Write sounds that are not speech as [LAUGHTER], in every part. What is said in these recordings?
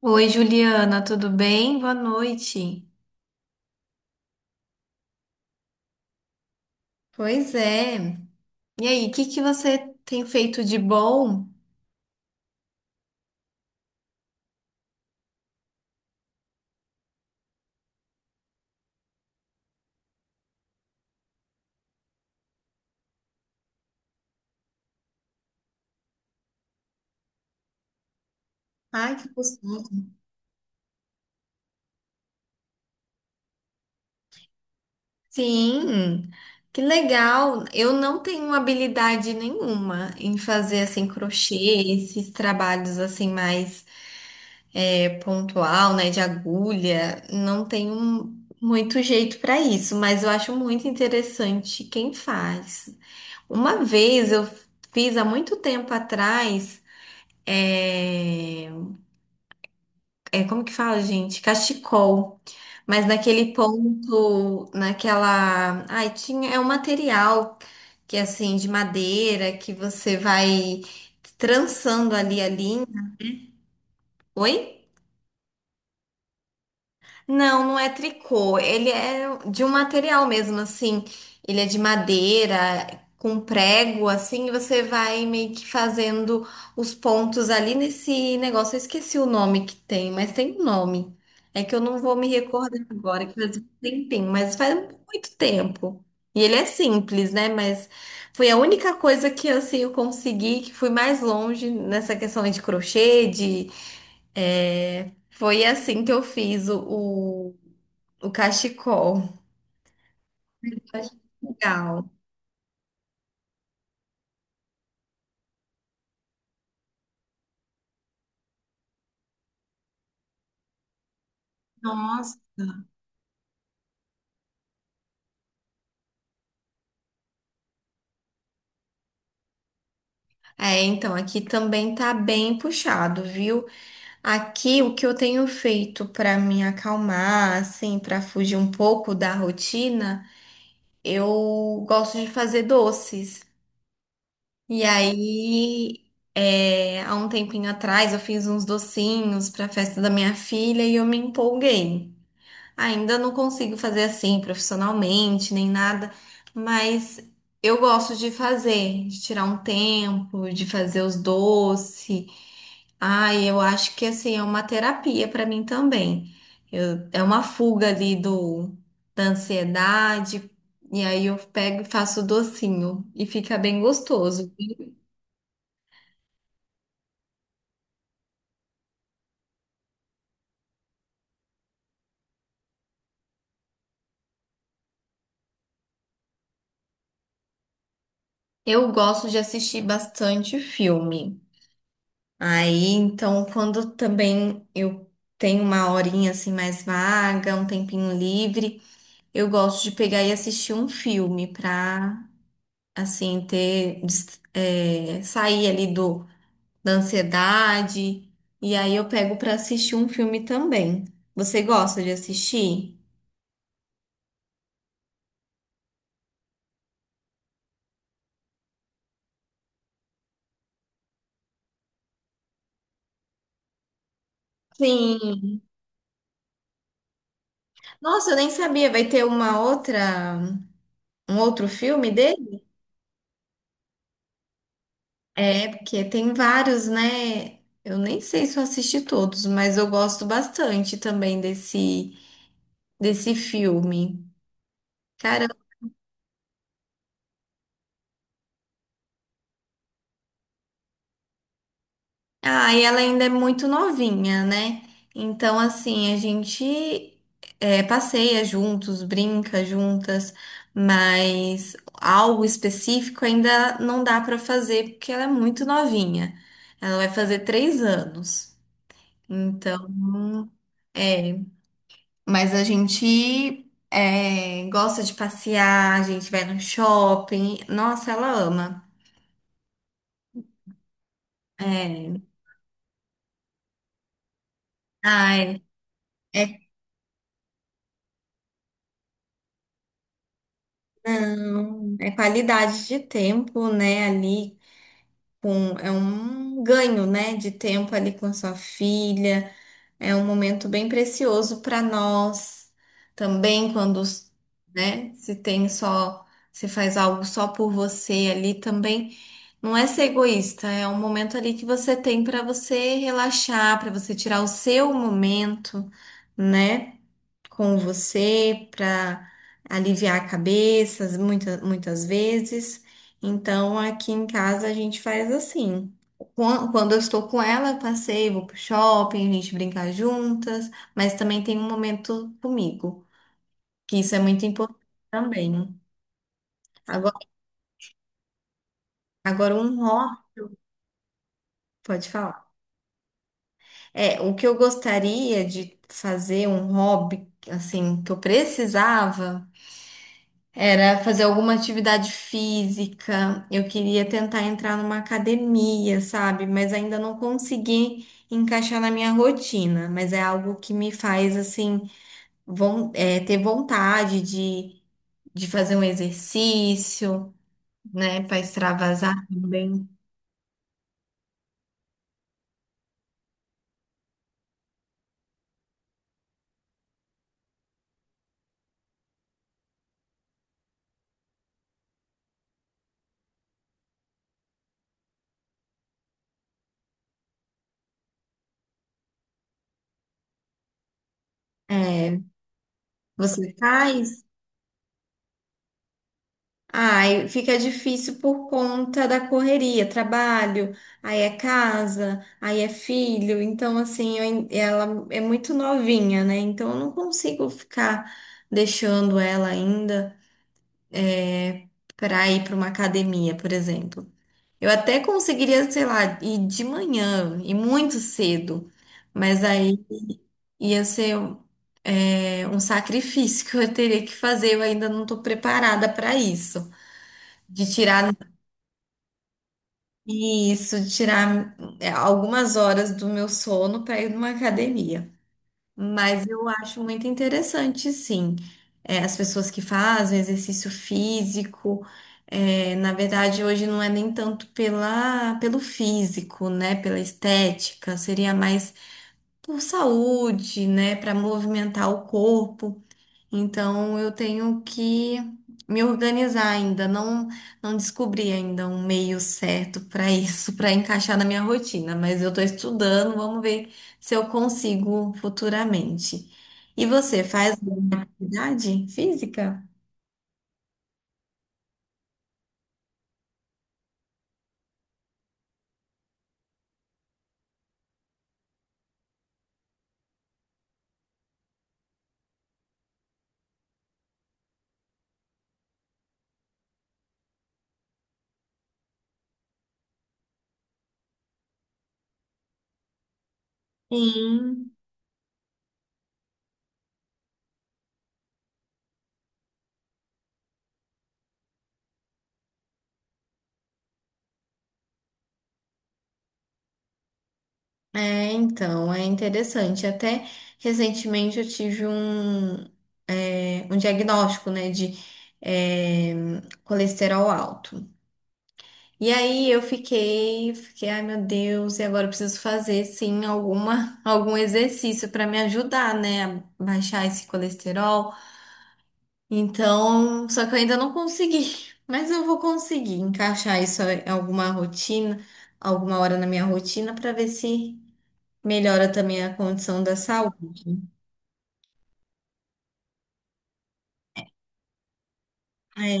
Oi, Juliana, tudo bem? Boa noite. Pois é. E aí, o que que você tem feito de bom? Ai, que gostoso. Sim, que legal. Eu não tenho habilidade nenhuma em fazer assim crochê, esses trabalhos assim mais pontual, né, de agulha. Não tenho muito jeito para isso, mas eu acho muito interessante quem faz. Uma vez eu fiz há muito tempo atrás. É, como que fala, gente? Cachecol. Mas naquele ponto, naquela... Ai, tinha... É um material que, assim, de madeira, que você vai trançando ali a linha. Oi? Não, não é tricô. Ele é de um material mesmo, assim. Ele é de madeira, com prego, assim, e você vai meio que fazendo os pontos ali nesse negócio. Eu esqueci o nome que tem, mas tem um nome. É que eu não vou me recordar agora, que faz um tempinho, mas faz um muito tempo. E ele é simples, né? Mas foi a única coisa que assim, eu consegui, que fui mais longe nessa questão aí de crochê, de... Foi assim que eu fiz o- o cachecol. Legal. Nossa. É, então aqui também tá bem puxado, viu? Aqui o que eu tenho feito para me acalmar, assim, para fugir um pouco da rotina, eu gosto de fazer doces. E aí, há um tempinho atrás, eu fiz uns docinhos para a festa da minha filha e eu me empolguei. Ainda não consigo fazer assim profissionalmente, nem nada, mas eu gosto de fazer, de tirar um tempo, de fazer os doces. Ai, eu acho que assim é uma terapia para mim também. É uma fuga ali do da ansiedade, e aí eu pego e faço o docinho e fica bem gostoso. Eu gosto de assistir bastante filme. Aí, então, quando também eu tenho uma horinha assim mais vaga, um tempinho livre, eu gosto de pegar e assistir um filme pra, assim, ter, sair ali do, da ansiedade. E aí eu pego pra assistir um filme também. Você gosta de assistir? Sim. Nossa, eu nem sabia. Vai ter uma outra, um outro filme dele? É, porque tem vários, né? Eu nem sei se eu assisti todos, mas eu gosto bastante também desse, desse filme. Cara... Ah, e ela ainda é muito novinha, né? Então, assim, a gente passeia juntos, brinca juntas, mas algo específico ainda não dá pra fazer porque ela é muito novinha. Ela vai fazer 3 anos. Então, é. Mas a gente gosta de passear, a gente vai no shopping. Nossa, ela ama. É, ai, é, não, é qualidade de tempo, né? Ali com, é um ganho, né? De tempo ali com a sua filha. É um momento bem precioso para nós também, quando, né, se tem só, se faz algo só por você ali também. Não é ser egoísta, é um momento ali que você tem para você relaxar, para você tirar o seu momento, né? Com você para aliviar a cabeça muitas, muitas vezes. Então, aqui em casa a gente faz assim. Quando eu estou com ela, eu passeio, vou pro shopping, a gente brinca juntas, mas também tem um momento comigo, que isso é muito importante também. Agora, agora um hobby, pode falar. É, o que eu gostaria de fazer, um hobby, assim, que eu precisava. Era fazer alguma atividade física. Eu queria tentar entrar numa academia, sabe? Mas ainda não consegui encaixar na minha rotina. Mas é algo que me faz, assim, ter vontade de fazer um exercício, né? Para extravasar também. É, você faz? Ai, fica difícil por conta da correria, trabalho, aí é casa, aí é filho, então assim, ela é muito novinha, né? Então eu não consigo ficar deixando ela ainda para ir para uma academia, por exemplo. Eu até conseguiria, sei lá, ir de manhã e muito cedo, mas aí ia ser um, é, um sacrifício [LAUGHS] que eu teria que fazer, eu ainda não estou preparada para isso, de tirar... E isso, tirar algumas horas do meu sono para ir numa academia. Mas eu acho muito interessante, sim. É, as pessoas que fazem exercício físico, é, na verdade, hoje não é nem tanto pela, pelo físico, né? Pela estética, seria mais por saúde, né? Para movimentar o corpo. Então eu tenho que me organizar ainda, não descobri ainda um meio certo para isso, [LAUGHS] para encaixar na minha rotina, mas eu estou estudando, vamos ver se eu consigo futuramente. E você faz atividade física? Sim. É, então, é interessante. Até recentemente eu tive um, é, um diagnóstico, né, de é, colesterol alto. E aí eu fiquei, fiquei, ai meu Deus, e agora eu preciso fazer sim alguma, algum exercício para me ajudar, né, a baixar esse colesterol. Então, só que eu ainda não consegui, [LAUGHS] mas eu vou conseguir encaixar isso em alguma rotina, alguma hora na minha rotina para ver se melhora também a condição da saúde. É,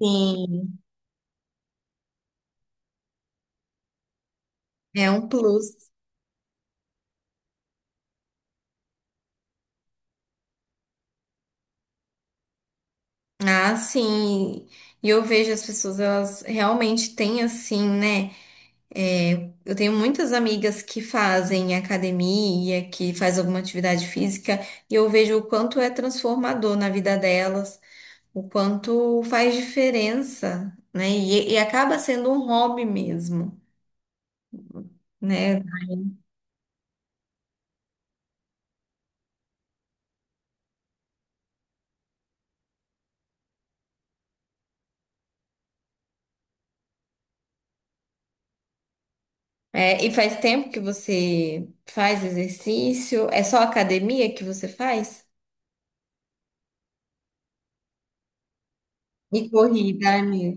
sim, é um plus. Ah, sim. E eu vejo as pessoas, elas realmente têm assim, né? É, eu tenho muitas amigas que fazem academia, que faz alguma atividade física, e eu vejo o quanto é transformador na vida delas, o quanto faz diferença, né? E acaba sendo um hobby mesmo, né? É, e faz tempo que você faz exercício? É só academia que você faz? E corrida, amiga.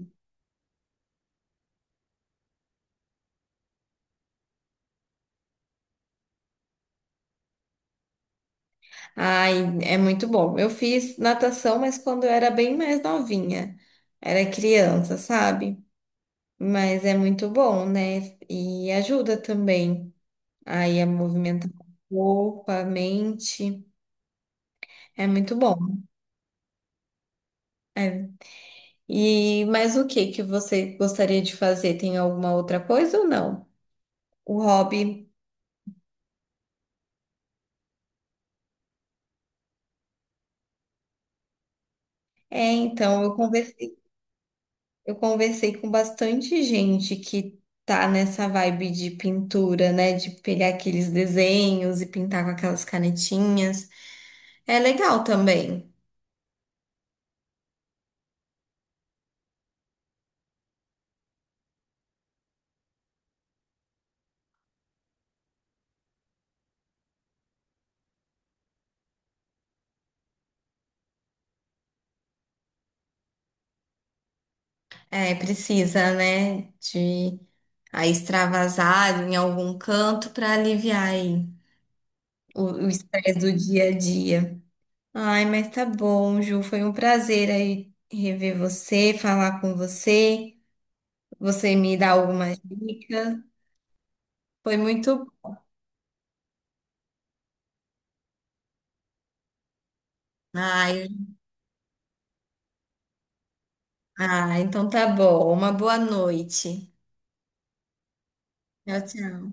Ai, é muito bom. Eu fiz natação, mas quando eu era bem mais novinha, era criança, sabe? Mas é muito bom, né? E ajuda também aí a movimentar o corpo, a mente. É muito bom. É. E mas o que que você gostaria de fazer? Tem alguma outra coisa ou não? O hobby. É, então eu conversei com bastante gente que tá nessa vibe de pintura, né? De pegar aqueles desenhos e pintar com aquelas canetinhas. É legal também. É, precisa, né? De a extravasar em algum canto para aliviar aí o estresse do dia a dia. Ai, mas tá bom, Ju, foi um prazer aí rever você, falar com você, você me dar algumas dicas. Foi muito... Ai, ah, então tá bom. Uma boa noite. Tchau, tchau.